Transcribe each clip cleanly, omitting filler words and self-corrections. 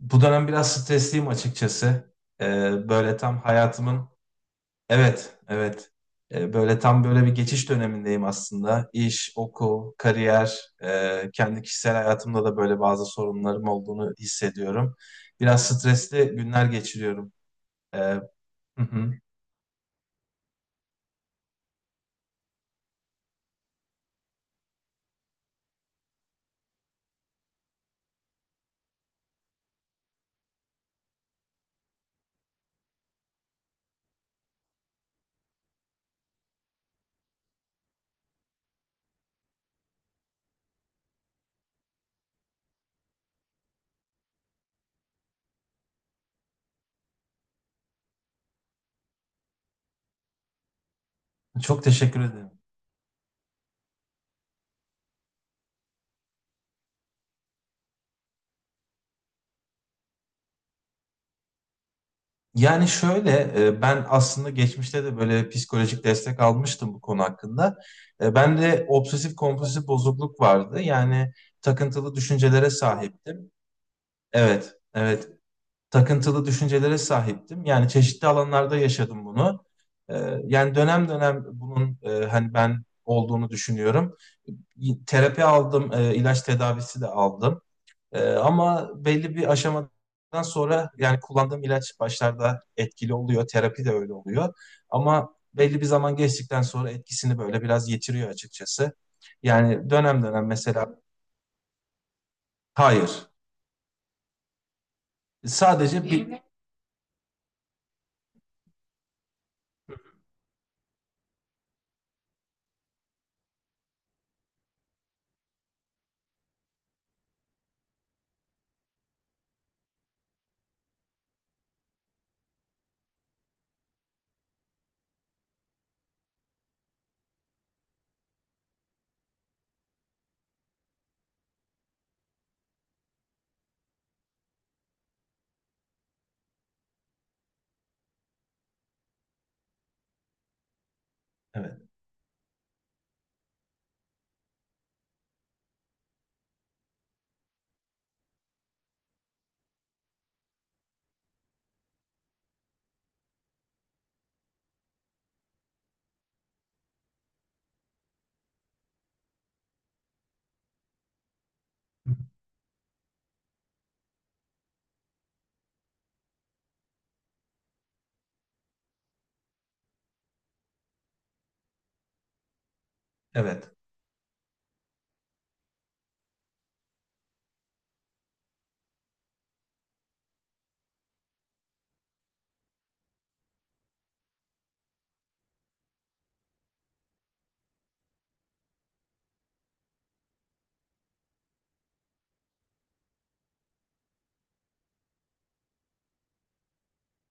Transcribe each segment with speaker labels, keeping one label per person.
Speaker 1: Bu dönem biraz stresliyim açıkçası. Böyle tam hayatımın evet, evet. Böyle tam böyle bir geçiş dönemindeyim aslında. İş, okul, kariyer, kendi kişisel hayatımda da böyle bazı sorunlarım olduğunu hissediyorum. Biraz stresli günler geçiriyorum. Ee, hı hı. Çok teşekkür ederim. Yani şöyle, ben aslında geçmişte de böyle psikolojik destek almıştım bu konu hakkında. Ben de obsesif kompulsif bozukluk vardı. Yani takıntılı düşüncelere sahiptim. Evet, evet. Takıntılı düşüncelere sahiptim. Yani çeşitli alanlarda yaşadım bunu. E, Yani dönem dönem bunun hani ben olduğunu düşünüyorum. Terapi aldım, ilaç tedavisi de aldım. Ama belli bir aşamadan sonra yani kullandığım ilaç başlarda etkili oluyor, terapi de öyle oluyor. Ama belli bir zaman geçtikten sonra etkisini böyle biraz yitiriyor açıkçası. Yani dönem dönem mesela hayır, sadece bir evet, evet,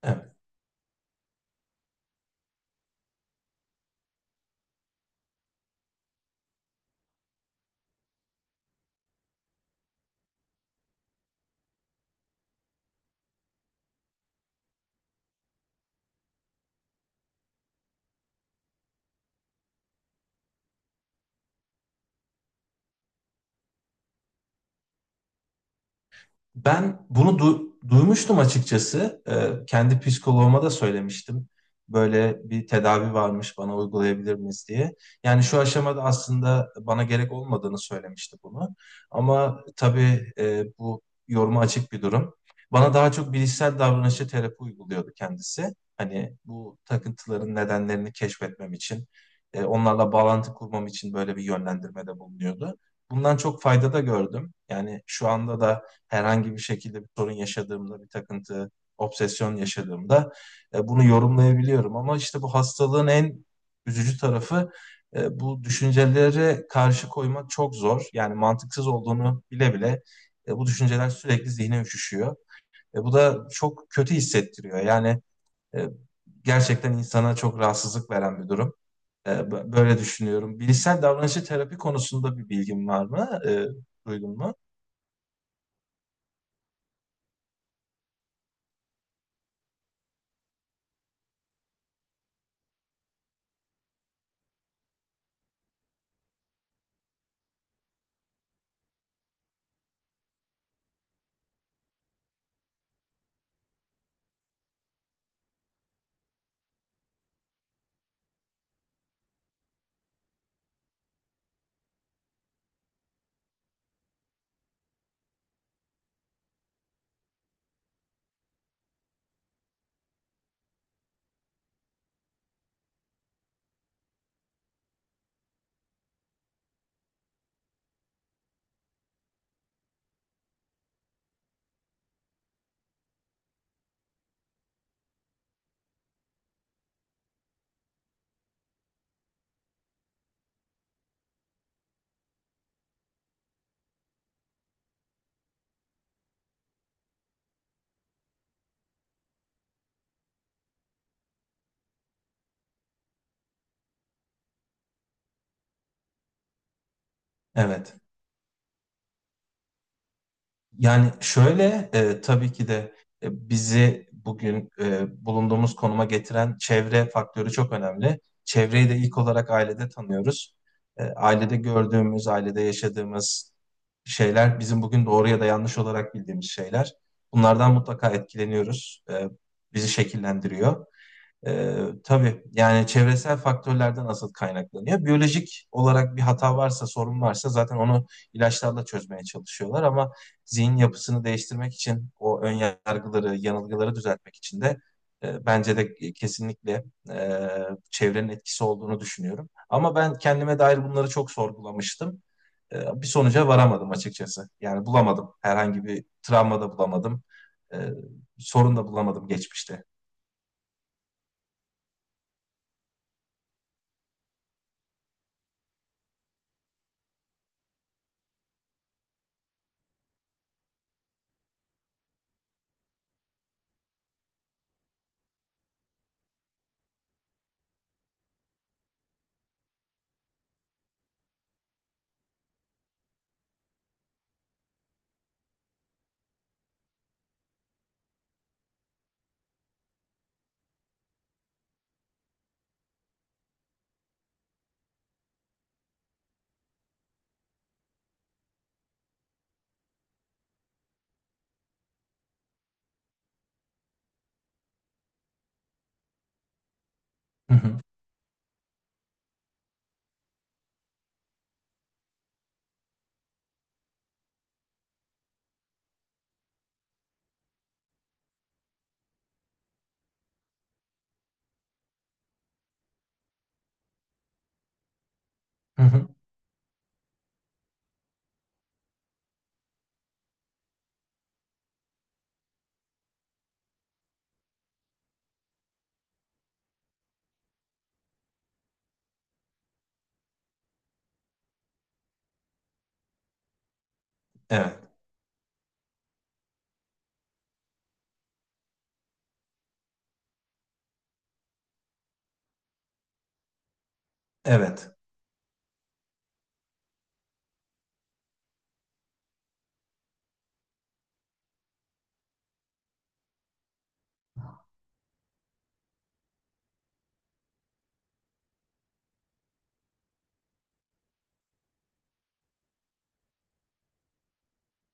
Speaker 1: evet. Ben bunu duymuştum açıkçası. Kendi psikoloğuma da söylemiştim. Böyle bir tedavi varmış bana uygulayabilir miyiz diye. Yani şu aşamada aslında bana gerek olmadığını söylemişti bunu. Ama tabii bu yoruma açık bir durum. Bana daha çok bilişsel davranışçı terapi uyguluyordu kendisi. Hani bu takıntıların nedenlerini keşfetmem için, onlarla bağlantı kurmam için böyle bir yönlendirmede bulunuyordu. Bundan çok fayda da gördüm. Yani şu anda da herhangi bir şekilde bir sorun yaşadığımda, bir takıntı, obsesyon yaşadığımda bunu yorumlayabiliyorum. Ama işte bu hastalığın en üzücü tarafı, bu düşüncelere karşı koymak çok zor. Yani mantıksız olduğunu bile bile bu düşünceler sürekli zihne üşüşüyor. Bu da çok kötü hissettiriyor. Yani e, gerçekten insana çok rahatsızlık veren bir durum. Böyle düşünüyorum. Bilişsel davranışçı terapi konusunda bir bilgin var mı? Duydun mu? Evet. Yani şöyle, tabii ki de bizi bugün bulunduğumuz konuma getiren çevre faktörü çok önemli. Çevreyi de ilk olarak ailede tanıyoruz. Ailede gördüğümüz, ailede yaşadığımız şeyler bizim bugün doğru ya da yanlış olarak bildiğimiz şeyler. Bunlardan mutlaka etkileniyoruz. Bizi şekillendiriyor. Ee, tabii yani çevresel faktörlerden asıl kaynaklanıyor. Biyolojik olarak bir hata varsa, sorun varsa zaten onu ilaçlarla çözmeye çalışıyorlar ama zihin yapısını değiştirmek için o ön yargıları, yanılgıları düzeltmek için de bence de kesinlikle e, çevrenin etkisi olduğunu düşünüyorum. Ama ben kendime dair bunları çok sorgulamıştım. Bir sonuca varamadım açıkçası. Yani bulamadım. Herhangi bir travma da bulamadım. E, Sorun da bulamadım geçmişte. Hı hı. Hı hı. Evet, evet.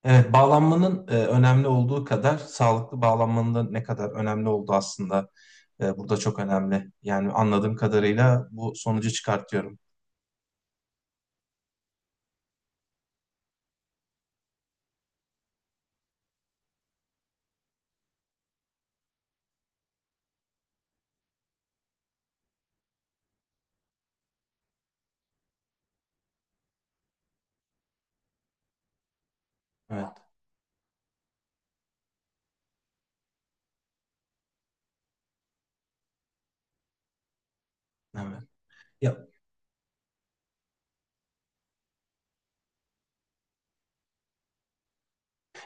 Speaker 1: Evet, bağlanmanın önemli olduğu kadar sağlıklı bağlanmanın da ne kadar önemli olduğu aslında burada çok önemli. Yani anladığım kadarıyla bu sonucu çıkartıyorum. Evet, evet. Ya,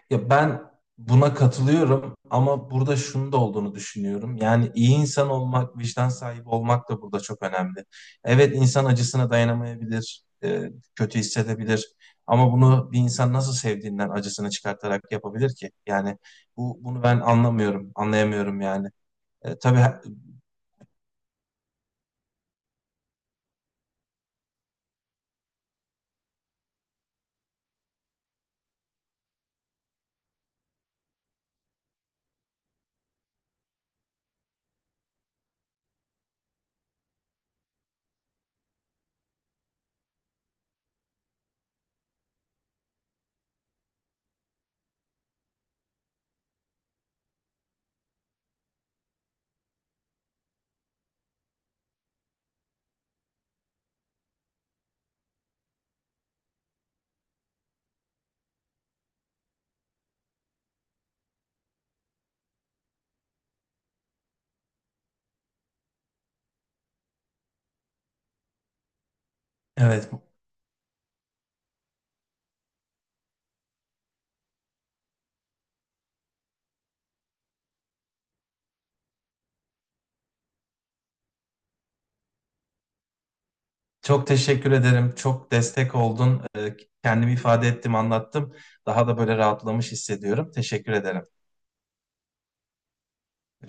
Speaker 1: ya ben buna katılıyorum ama burada şunun da olduğunu düşünüyorum. Yani iyi insan olmak, vicdan sahibi olmak da burada çok önemli. Evet, insan acısına dayanamayabilir, kötü hissedebilir. Ama bunu bir insan nasıl sevdiğinden acısını çıkartarak yapabilir ki? Yani bunu ben anlamıyorum, anlayamıyorum yani. E, tabii he- evet, çok teşekkür ederim. Çok destek oldun. Kendimi ifade ettim, anlattım. Daha da böyle rahatlamış hissediyorum. Teşekkür ederim.